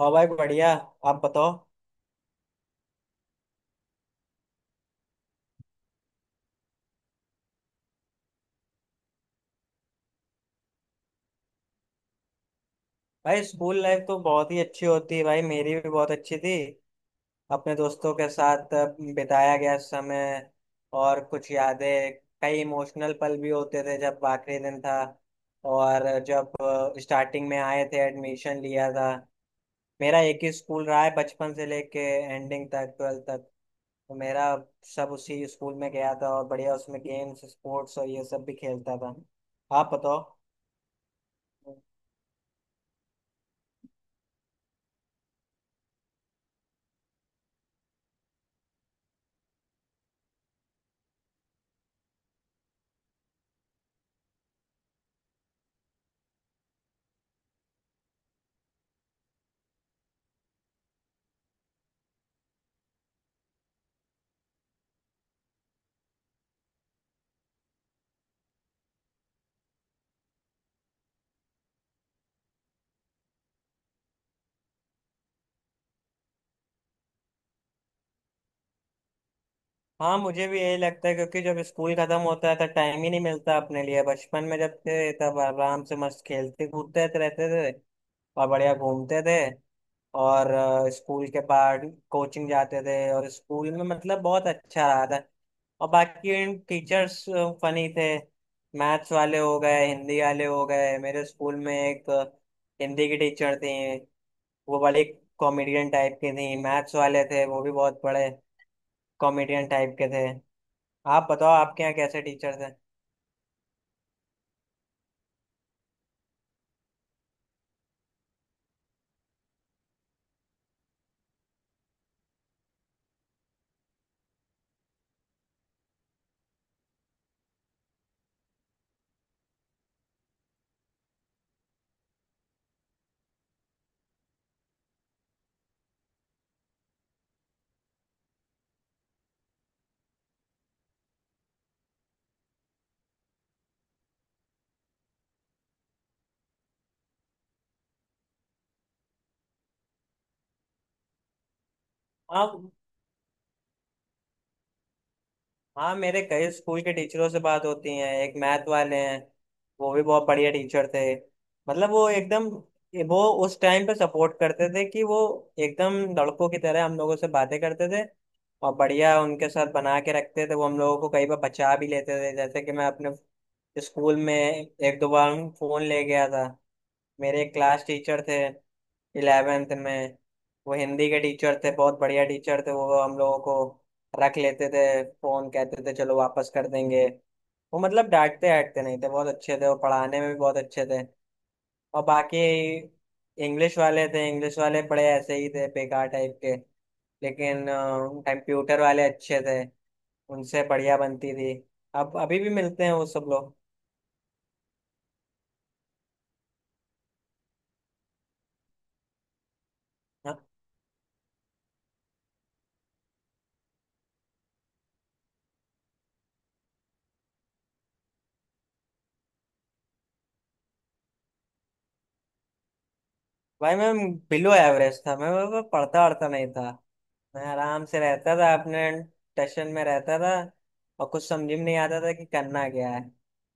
और भाई बढ़िया। आप बताओ। भाई स्कूल लाइफ तो बहुत ही अच्छी होती है, भाई मेरी भी बहुत अच्छी थी। अपने दोस्तों के साथ बिताया गया समय और कुछ यादें। कई इमोशनल पल भी होते थे, जब आखिरी दिन था और जब स्टार्टिंग में आए थे, एडमिशन लिया था। मेरा एक ही स्कूल रहा है बचपन से लेके एंडिंग तक, ट्वेल्थ तक। तो मेरा सब उसी स्कूल में गया था और बढ़िया उसमें गेम्स स्पोर्ट्स और ये सब भी खेलता था। आप बताओ। हाँ मुझे भी यही लगता है, क्योंकि जब स्कूल खत्म होता है तो टाइम ही नहीं मिलता अपने लिए। बचपन में जब थे तब आराम से मस्त खेलते कूदते रहते थे और बढ़िया घूमते थे। और स्कूल के बाद कोचिंग जाते थे और स्कूल में मतलब बहुत अच्छा रहा था। और बाकी टीचर्स फनी थे, मैथ्स वाले हो गए हिंदी वाले हो गए। मेरे स्कूल में एक हिंदी की टीचर थी, वो बड़ी कॉमेडियन टाइप की थी। मैथ्स वाले थे वो भी बहुत बड़े कॉमेडियन टाइप के थे। आप बताओ, आपके यहाँ कैसे टीचर्स हैं। आप। हाँ मेरे कई स्कूल के टीचरों से बात होती है। एक मैथ वाले हैं, वो भी बहुत बढ़िया टीचर थे। मतलब वो एकदम, वो उस टाइम पे सपोर्ट करते थे कि वो एकदम लड़कों की तरह हम लोगों से बातें करते थे और बढ़िया उनके साथ बना के रखते थे। वो हम लोगों को कई बार बचा भी लेते थे, जैसे कि मैं अपने स्कूल में एक दो बार फोन ले गया था। मेरे एक क्लास टीचर थे इलेवेंथ में, वो हिंदी के टीचर थे। बहुत बढ़िया टीचर थे, वो हम लोगों को रख लेते थे फोन, कहते थे चलो वापस कर देंगे। वो मतलब डांटते डांटते नहीं थे, बहुत अच्छे थे, वो पढ़ाने में भी बहुत अच्छे थे। और बाकी इंग्लिश वाले थे, इंग्लिश वाले बड़े ऐसे ही थे बेकार टाइप के। लेकिन कंप्यूटर वाले अच्छे थे, उनसे बढ़िया बनती थी। अब अभी भी मिलते हैं वो सब लोग। हाँ। भाई मैं बिलो एवरेज था। मैं पढ़ता वढ़ता नहीं था। मैं आराम से रहता था, अपने टेंशन में रहता था और कुछ समझ में नहीं आता था कि करना क्या है।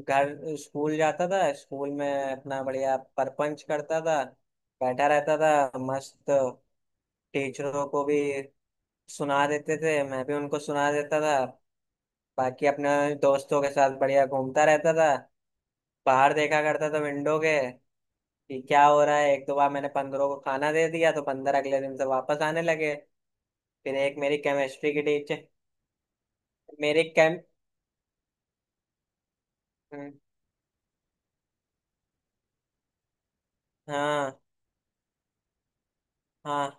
घर, स्कूल जाता था, स्कूल में अपना बढ़िया परपंच करता था, बैठा रहता था मस्त। टीचरों को भी सुना देते थे, मैं भी उनको सुना देता था। बाकी अपने दोस्तों के साथ बढ़िया घूमता रहता था, बाहर देखा करता था विंडो के, कि क्या हो रहा है। एक दो बार मैंने बंदरों को खाना दे दिया तो बंदर अगले दिन से वापस आने लगे। फिर एक मेरी केमिस्ट्री की टीचर, मेरी केम। हाँ। हाँ।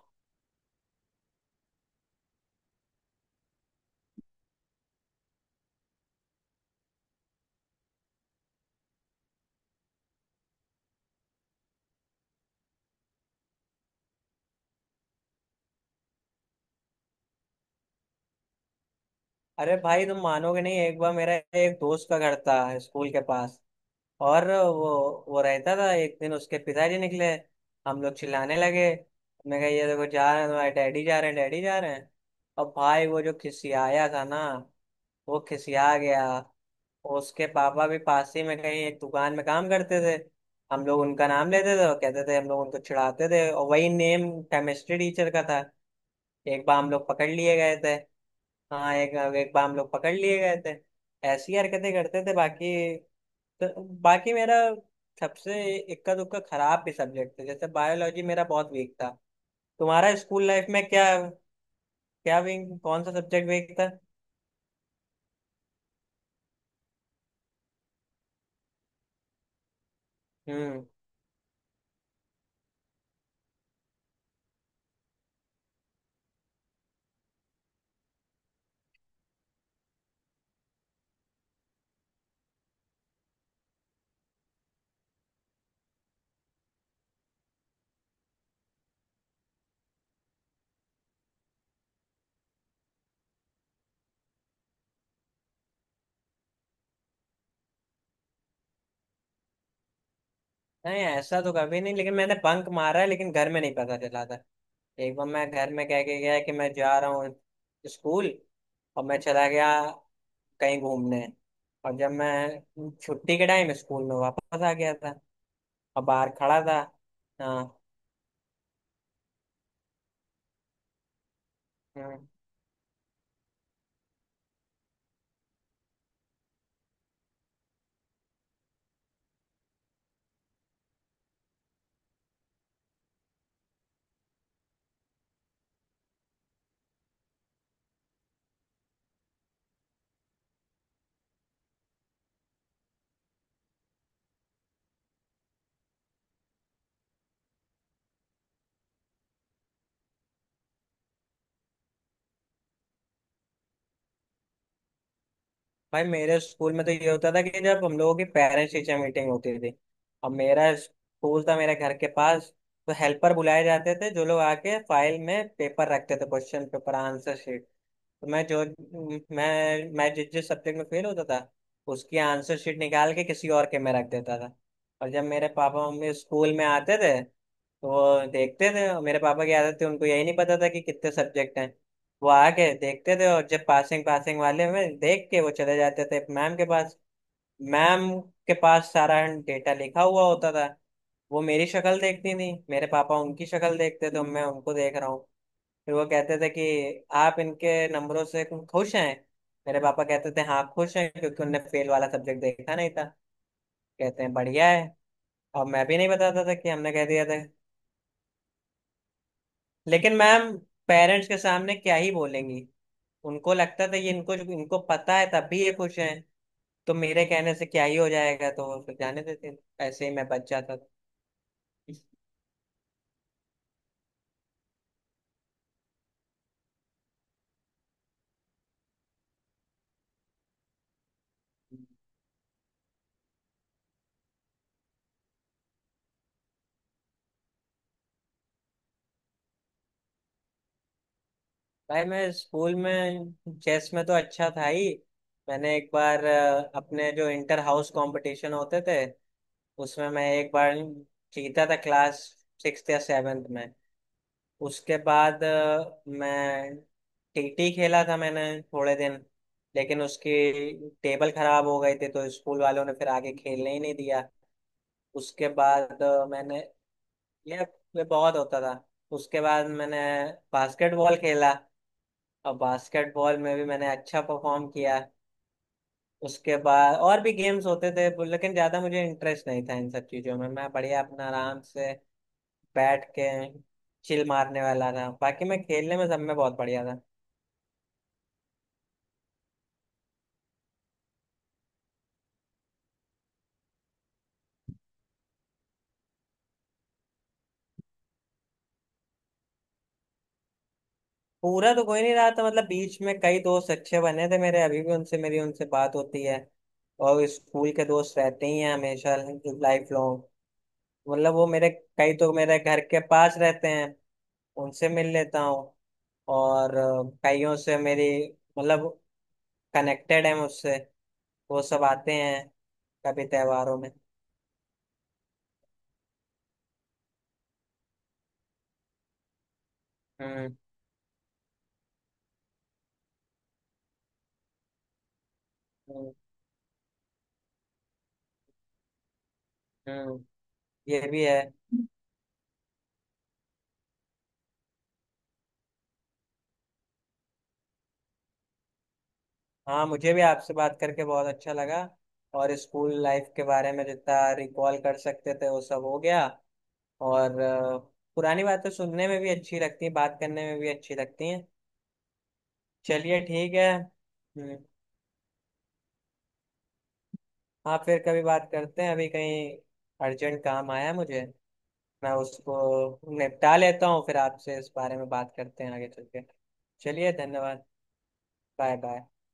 अरे भाई तुम मानोगे नहीं, एक बार मेरा एक दोस्त का घर था स्कूल के पास और वो रहता था। एक दिन उसके पिताजी निकले, हम लोग चिल्लाने लगे। मैं कहा ये देखो जा रहे हैं तुम्हारे डैडी, जा रहे हैं डैडी, जा रहे हैं। और भाई वो जो खिसियाया था ना, वो खिसिया गया। उसके पापा भी पास ही में कहीं एक दुकान में काम करते थे। हम लोग उनका नाम लेते थे और कहते थे, हम लोग उनको चिढ़ाते थे, और वही नेम केमिस्ट्री टीचर का था। एक बार हम लोग पकड़ लिए गए थे। हाँ, एक एक बार हम लोग पकड़ लिए गए थे। ऐसी हरकतें करते थे बाकी। तो बाकी मेरा सबसे इक्का दुक्का खराब भी सब्जेक्ट था, जैसे बायोलॉजी मेरा बहुत वीक था। तुम्हारा स्कूल लाइफ में क्या, क्या वीक, कौन सा सब्जेक्ट वीक था। हम्म। नहीं ऐसा तो कभी नहीं, लेकिन मैंने बंक मारा है, लेकिन घर में नहीं पता चला था। एक बार मैं घर में कह के गया कि मैं जा रहा हूँ स्कूल, और मैं चला गया कहीं घूमने। और जब मैं छुट्टी के टाइम स्कूल में वापस आ गया था और बाहर खड़ा था। हाँ। हम्म। भाई मेरे स्कूल में तो ये होता था कि जब हम लोगों की पेरेंट्स टीचर मीटिंग होती थी, और मेरा स्कूल था मेरे घर के पास, तो हेल्पर बुलाए जाते थे जो लोग आके फाइल में पेपर रखते थे, क्वेश्चन पेपर, आंसर शीट। तो मैं जो मैं जिस जिस सब्जेक्ट में फेल होता था, उसकी आंसर शीट निकाल के किसी और के में रख देता था। और जब मेरे पापा मम्मी स्कूल में आते थे तो वो देखते थे। और मेरे पापा की आदत थी, उनको यही नहीं पता था कि कितने सब्जेक्ट हैं। वो आके देखते थे और जब पासिंग पासिंग वाले में देख के वो चले जाते थे मैम के पास। मैम के पास सारा डेटा लिखा हुआ होता था। वो मेरी शक्ल देखती थी, मेरे पापा उनकी शक्ल देखते थे, तो मैं उनको देख रहा हूँ। फिर वो कहते थे कि आप इनके नंबरों से खुश हैं। मेरे पापा कहते थे हाँ खुश हैं, क्योंकि उनने फेल वाला सब्जेक्ट देखा नहीं था। कहते हैं बढ़िया है। और मैं भी नहीं बताता था कि हमने कह दिया था। लेकिन मैम पेरेंट्स के सामने क्या ही बोलेंगी। उनको लगता था ये इनको इनको पता है तब भी ये खुश हैं, तो मेरे कहने से क्या ही हो जाएगा। तो फिर जाने देते थे। ऐसे ही मैं बच जाता था। भाई मैं स्कूल में चेस में तो अच्छा था ही। मैंने एक बार अपने जो इंटर हाउस कंपटीशन होते थे उसमें मैं एक बार जीता था, क्लास सिक्स या सेवेंथ में। उसके बाद मैं टीटी खेला था मैंने थोड़े दिन, लेकिन उसकी टेबल खराब हो गई थी तो स्कूल वालों ने फिर आगे खेलने ही नहीं दिया। उसके बाद मैंने, ये ये बहुत होता था। उसके बाद मैंने बास्केटबॉल खेला, और बास्केटबॉल में भी मैंने अच्छा परफॉर्म किया। उसके बाद और भी गेम्स होते थे, लेकिन ज्यादा मुझे इंटरेस्ट नहीं था इन सब चीजों में। मैं बढ़िया अपना आराम से बैठ के चिल मारने वाला था। बाकी मैं खेलने में सब में बहुत बढ़िया था। पूरा तो कोई नहीं रहा था, मतलब बीच में कई दोस्त अच्छे बने थे मेरे, अभी भी उनसे बात होती है। और स्कूल के दोस्त रहते ही हैं हमेशा, लाइफ लॉन्ग। मतलब वो मेरे, कई तो मेरे घर के पास रहते हैं, उनसे मिल लेता हूँ। और कईयों से मेरी मतलब कनेक्टेड है मुझसे, वो सब आते हैं कभी त्योहारों में। हम्म, हम्म, हम्म। ये भी है। हाँ मुझे भी आपसे बात करके बहुत अच्छा लगा। और स्कूल लाइफ के बारे में जितना रिकॉल कर सकते थे वो सब हो गया। और पुरानी बातें सुनने में भी अच्छी लगती हैं, बात करने में भी अच्छी लगती हैं। चलिए ठीक है। हम्म। हाँ फिर कभी बात करते हैं, अभी कहीं अर्जेंट काम आया है मुझे। मैं उसको निपटा लेता हूँ, फिर आपसे इस बारे में बात करते हैं आगे चल के। चलिए, धन्यवाद। Bye bye.